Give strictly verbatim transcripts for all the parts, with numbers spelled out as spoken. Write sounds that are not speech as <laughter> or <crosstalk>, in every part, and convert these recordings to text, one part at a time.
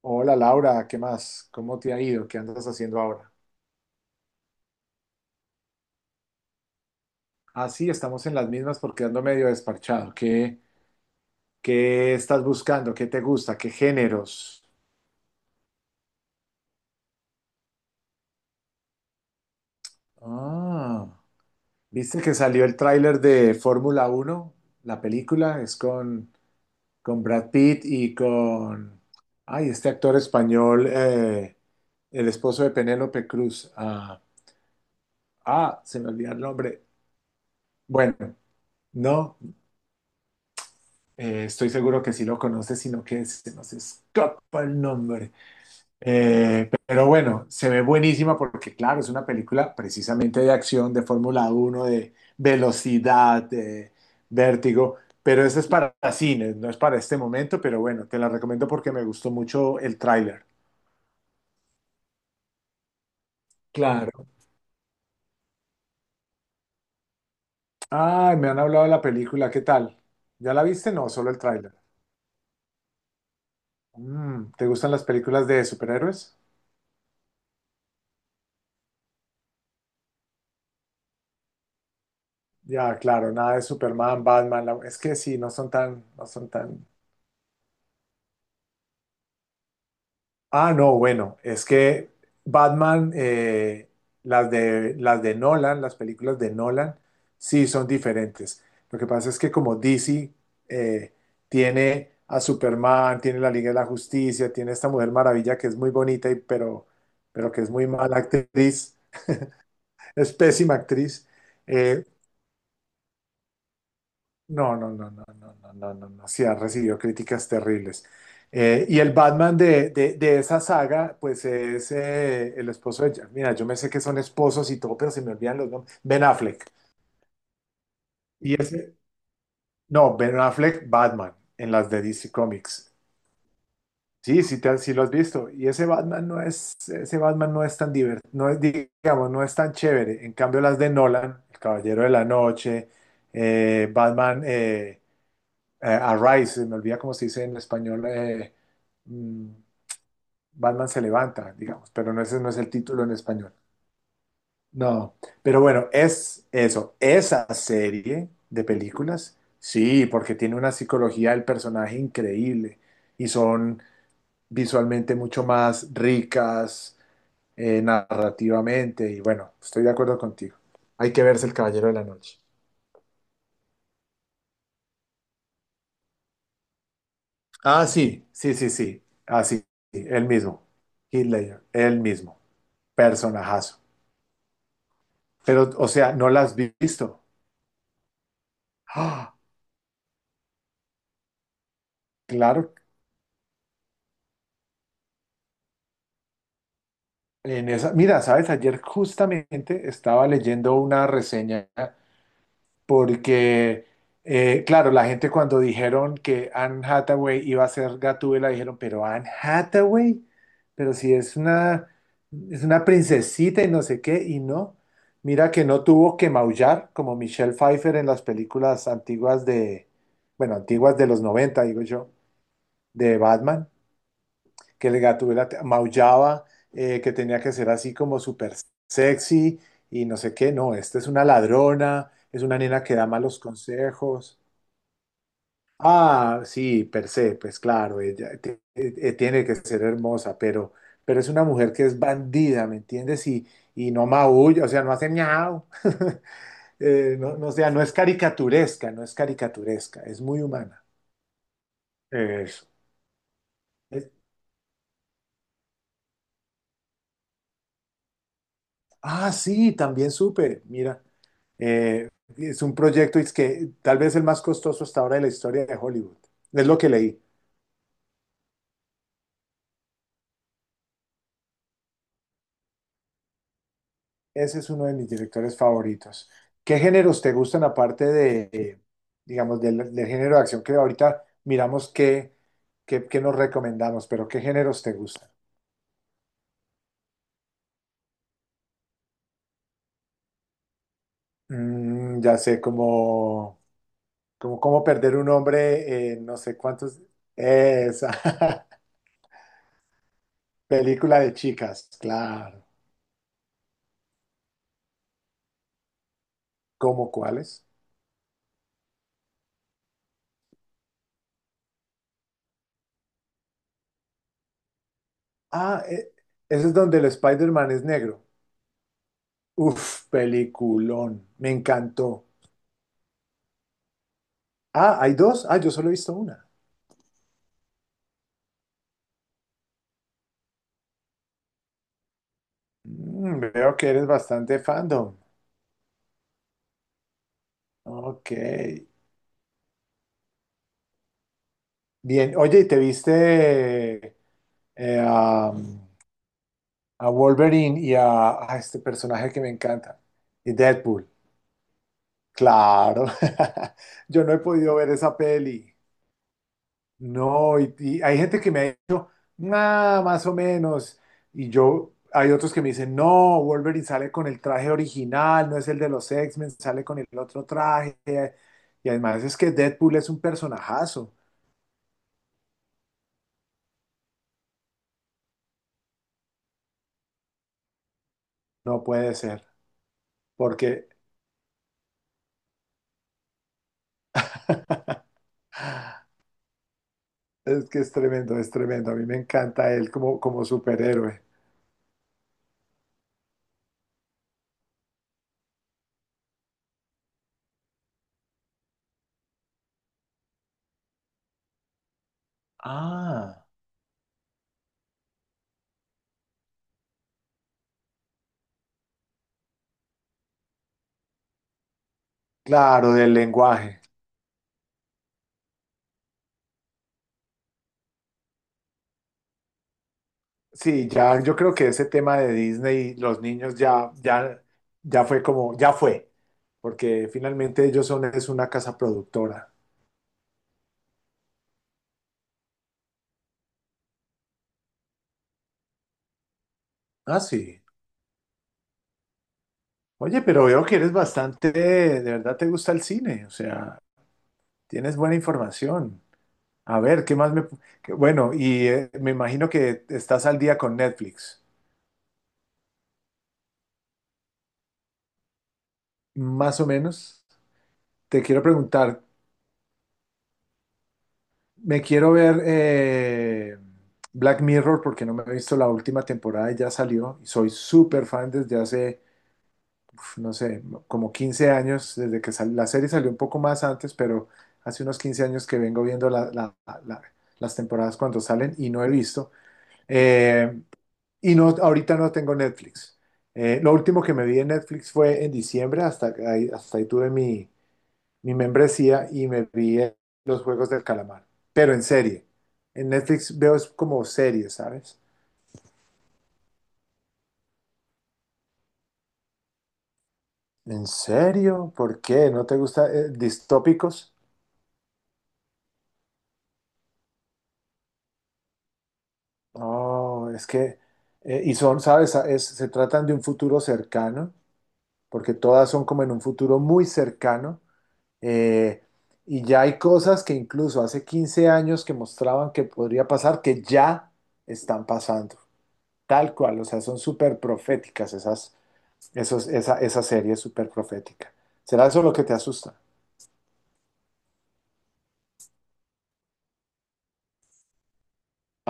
Hola Laura, ¿qué más? ¿Cómo te ha ido? ¿Qué andas haciendo ahora? Ah, sí, estamos en las mismas porque ando medio desparchado. ¿Qué, qué estás buscando? ¿Qué te gusta? ¿Qué géneros? Ah, ¿viste que salió el tráiler de Fórmula Uno? La película es con, con Brad Pitt y con... Ay, este actor español, eh, el esposo de Penélope Cruz. Ah, ah, se me olvidó el nombre. Bueno, no. Eh, estoy seguro que sí lo conoces, sino que se nos escapa el nombre. Eh, pero bueno, se ve buenísima porque, claro, es una película precisamente de acción, de Fórmula uno, de velocidad, de vértigo. Pero eso es para cines, no es para este momento. Pero bueno, te la recomiendo porque me gustó mucho el tráiler. Claro. Ay, me han hablado de la película, ¿qué tal? ¿Ya la viste? No, solo el tráiler. Mm, ¿te gustan las películas de superhéroes? Ya, claro, nada de Superman, Batman. la- Es que sí, no son tan, no son tan. Ah, no, bueno, es que Batman, eh, las de, las de Nolan, las películas de Nolan, sí son diferentes. Lo que pasa es que como D C eh, tiene a Superman, tiene la Liga de la Justicia, tiene esta Mujer Maravilla que es muy bonita y pero, pero que es muy mala actriz, <laughs> es pésima actriz. Eh, No, no, no, no, no, no, no, no, no. Sí, ha recibido críticas terribles. Eh, y el Batman de, de, de esa saga, pues es eh, el esposo de... Ja- Mira, yo me sé que son esposos y todo, pero se me olvidan los nombres. Ben Affleck. Y ese... No, Ben Affleck, Batman, en las de D C Comics. Sí, sí, te, sí lo has visto. Y ese Batman no es, ese Batman no es tan divertido, no es, digamos, no es tan chévere. En cambio, las de Nolan, El Caballero de la Noche, eh, Batman... eh, eh, Arise, me olvida cómo se dice en español, eh, mm, Batman se levanta, digamos, pero no, ese no es el título en español. No, pero bueno, es eso, esa serie de películas, sí, porque tiene una psicología del personaje increíble y son visualmente mucho más ricas eh, narrativamente y bueno, estoy de acuerdo contigo. Hay que verse El Caballero de la Noche. Ah, sí, sí, sí, sí, así, el mismo, Heath Ledger, el mismo. Personajazo. Pero, o sea, no la has visto. ¡Ah! Claro, en esa, mira, sabes, ayer justamente estaba leyendo una reseña porque, eh, claro, la gente cuando dijeron que Anne Hathaway iba a ser Gatúbela, dijeron, pero Anne Hathaway, pero si es una, es una princesita y no sé qué, y no, mira que no tuvo que maullar como Michelle Pfeiffer en las películas antiguas de, bueno, antiguas de los noventa digo yo, de Batman que el Gatúbela te- maullaba, eh, que tenía que ser así como súper sexy y no sé qué. No, esta es una ladrona, es una nena que da malos consejos. Ah, sí, per se, pues claro, ella te- eh, eh, tiene que ser hermosa, pero, pero es una mujer que es bandida, ¿me entiendes? Y, y no maulla, o sea, no hace miau. <laughs> Eh, no, no, o sea, no es caricaturesca, no es caricaturesca, es muy humana. Eso. Es- ah, sí, también supe, mira. Eh, es un proyecto es que tal vez el más costoso hasta ahora de la historia de Hollywood. Es lo que leí. Ese es uno de mis directores favoritos. ¿Qué géneros te gustan aparte de, eh, digamos, del, del género de acción que ahorita miramos qué, qué, qué nos recomendamos, pero qué géneros te gustan? Mm, ya sé, como, como cómo perder un hombre, en no sé cuántos. Esa <laughs> película de chicas, claro. ¿Cómo cuáles? Ah, e- Ese es donde el Spider-Man es negro. Uf, peliculón. Me encantó. Ah, ¿hay dos? Ah, yo solo he visto una. Mm, veo que eres bastante fandom. Ok. Bien. Oye, ¿y te viste eh, a, a Wolverine y a, a este personaje que me encanta? Y Deadpool. Claro. <laughs> Yo no he podido ver esa peli. No, y, y hay gente que me ha dicho, nada, más o menos. Y yo, hay otros que me dicen, no, Wolverine sale con el traje original, no es el de los X-Men, sale con el otro traje. Y además es que Deadpool es un personajazo. No puede ser, porque <laughs> es que es tremendo, es tremendo. A mí me encanta él como, como superhéroe. Ah, claro, del lenguaje. Sí, ya yo creo que ese tema de Disney, los niños ya, ya, ya fue como, ya fue, porque finalmente ellos son, es una casa productora. Ah, sí. Oye, pero veo que eres bastante, de verdad te gusta el cine, o sea, tienes buena información. A ver, ¿qué más me... qué- bueno, y eh, me imagino que estás al día con Netflix, más o menos. Te quiero preguntar, me quiero ver eh, Black Mirror porque no me he visto la última temporada y ya salió. Y soy súper fan desde hace, uf, no sé, como quince años, desde que sal- la serie salió un poco más antes, pero hace unos quince años que vengo viendo la- la- la- las temporadas cuando salen y no he visto. Eh, y no, ahorita no tengo Netflix. Eh, lo último que me vi en Netflix fue en diciembre, hasta ahí, hasta ahí tuve mi, mi membresía y me vi en los Juegos del Calamar, pero en serie. En Netflix veo es como series, ¿sabes? ¿En serio? ¿Por qué? ¿No te gusta eh, distópicos? Oh, es que, eh, y son, ¿sabes? Ah, Es- se tratan de un futuro cercano, porque todas son como en un futuro muy cercano. eh, y ya hay cosas que incluso hace quince años que mostraban que podría pasar, que ya están pasando. Tal cual, o sea, son súper proféticas esas. Eso es- esa, esa serie es súper profética. ¿Será eso lo que te asusta?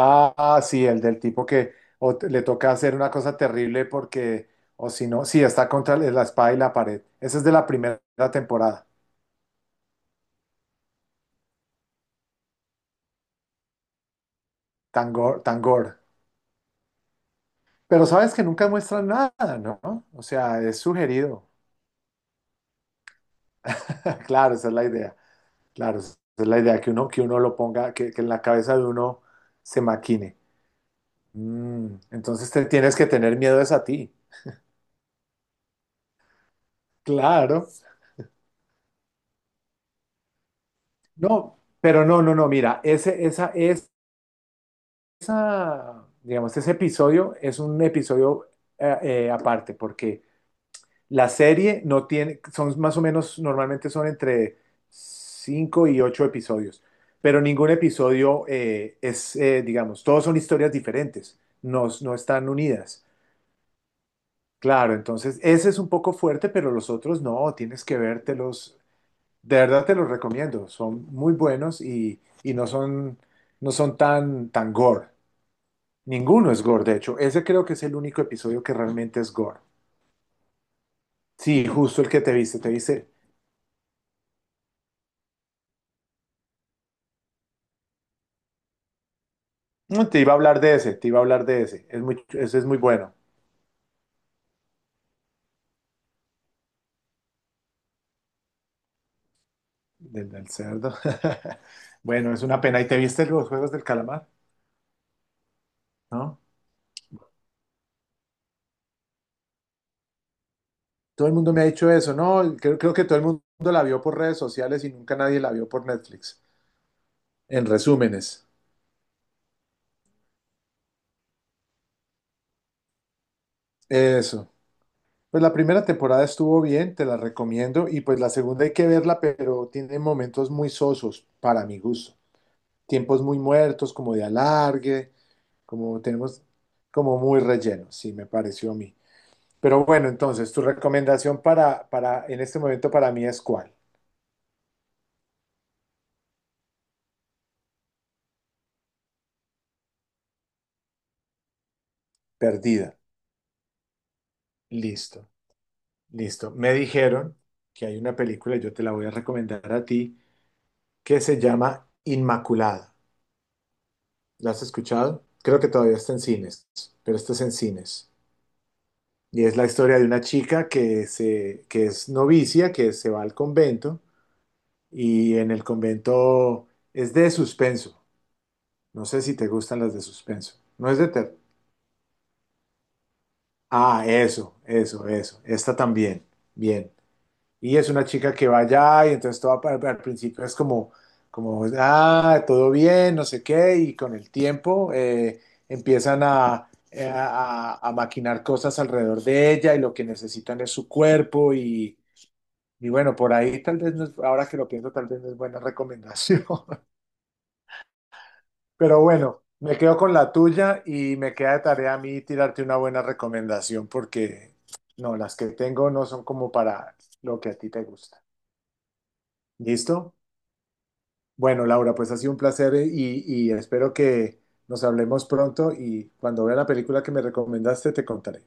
Ah, ah, sí, el del tipo que o te- le toca hacer una cosa terrible porque, o si no, sí, está contra la espada y la pared. Esa es de la primera temporada, Tangor, Tangor. Pero sabes que nunca muestran nada, ¿no? O sea, es sugerido. <laughs> Claro, esa es la idea. Claro, esa es la idea, que uno, que uno lo ponga, que, que en la cabeza de uno se maquine. Mm, entonces te tienes que tener miedo es a ti. Claro. No, pero no, no, no, mira, ese, esa, es- esa, digamos, ese episodio es un episodio eh, eh, aparte, porque la serie no tiene, son más o menos, normalmente son entre cinco y ocho episodios, pero ningún episodio eh, es, eh, digamos, todos son historias diferentes, no, no están unidas. Claro, entonces ese es un poco fuerte, pero los otros no, tienes que vértelos. De verdad te los recomiendo, son muy buenos y, y no son, no son tan, tan gore. Ninguno es gore, de hecho. Ese creo que es el único episodio que realmente es gore. Sí, justo el que te viste, te viste. Mm, Te iba a hablar de ese, te iba a hablar de ese. Es muy, ese es muy bueno, del, del cerdo. <laughs> Bueno, es una pena. ¿Y te viste los Juegos del Calamar? ¿No? Todo el mundo me ha dicho eso, ¿no? Creo, creo que todo el mundo la vio por redes sociales y nunca nadie la vio por Netflix. En resúmenes, eso. Pues la primera temporada estuvo bien, te la recomiendo, y pues la segunda hay que verla, pero tiene momentos muy sosos para mi gusto. Tiempos muy muertos, como de alargue, como tenemos, como muy relleno, sí, me pareció a mí. Pero bueno, entonces, tu recomendación para, para, en este momento para mí, ¿es cuál? Perdida. Listo, listo. Me dijeron que hay una película, yo te la voy a recomendar a ti, que se llama Inmaculada. ¿La has escuchado? Creo que todavía está en cines, pero esto es en cines. Y es la historia de una chica que, se, que es novicia, que se va al convento y en el convento es de suspenso. No sé si te gustan las de suspenso. No es de terror. Ah, eso, eso, eso. Esta también. Bien. Y es una chica que va allá y entonces todo al al principio es como, como, ah, todo bien, no sé qué, y con el tiempo eh, empiezan a, eh, a, a- a maquinar cosas alrededor de ella y lo que necesitan es su cuerpo y, Y bueno, por ahí tal vez no es- ahora que lo pienso, tal vez no es buena recomendación. <laughs> Pero bueno, me quedo con la tuya y me queda de tarea a mí tirarte una buena recomendación porque no, las que tengo no son como para lo que a ti te gusta. ¿Listo? Bueno, Laura, pues ha sido un placer eh, y, y espero que nos hablemos pronto y cuando vea la película que me recomendaste te contaré.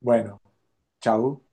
Bueno, chao.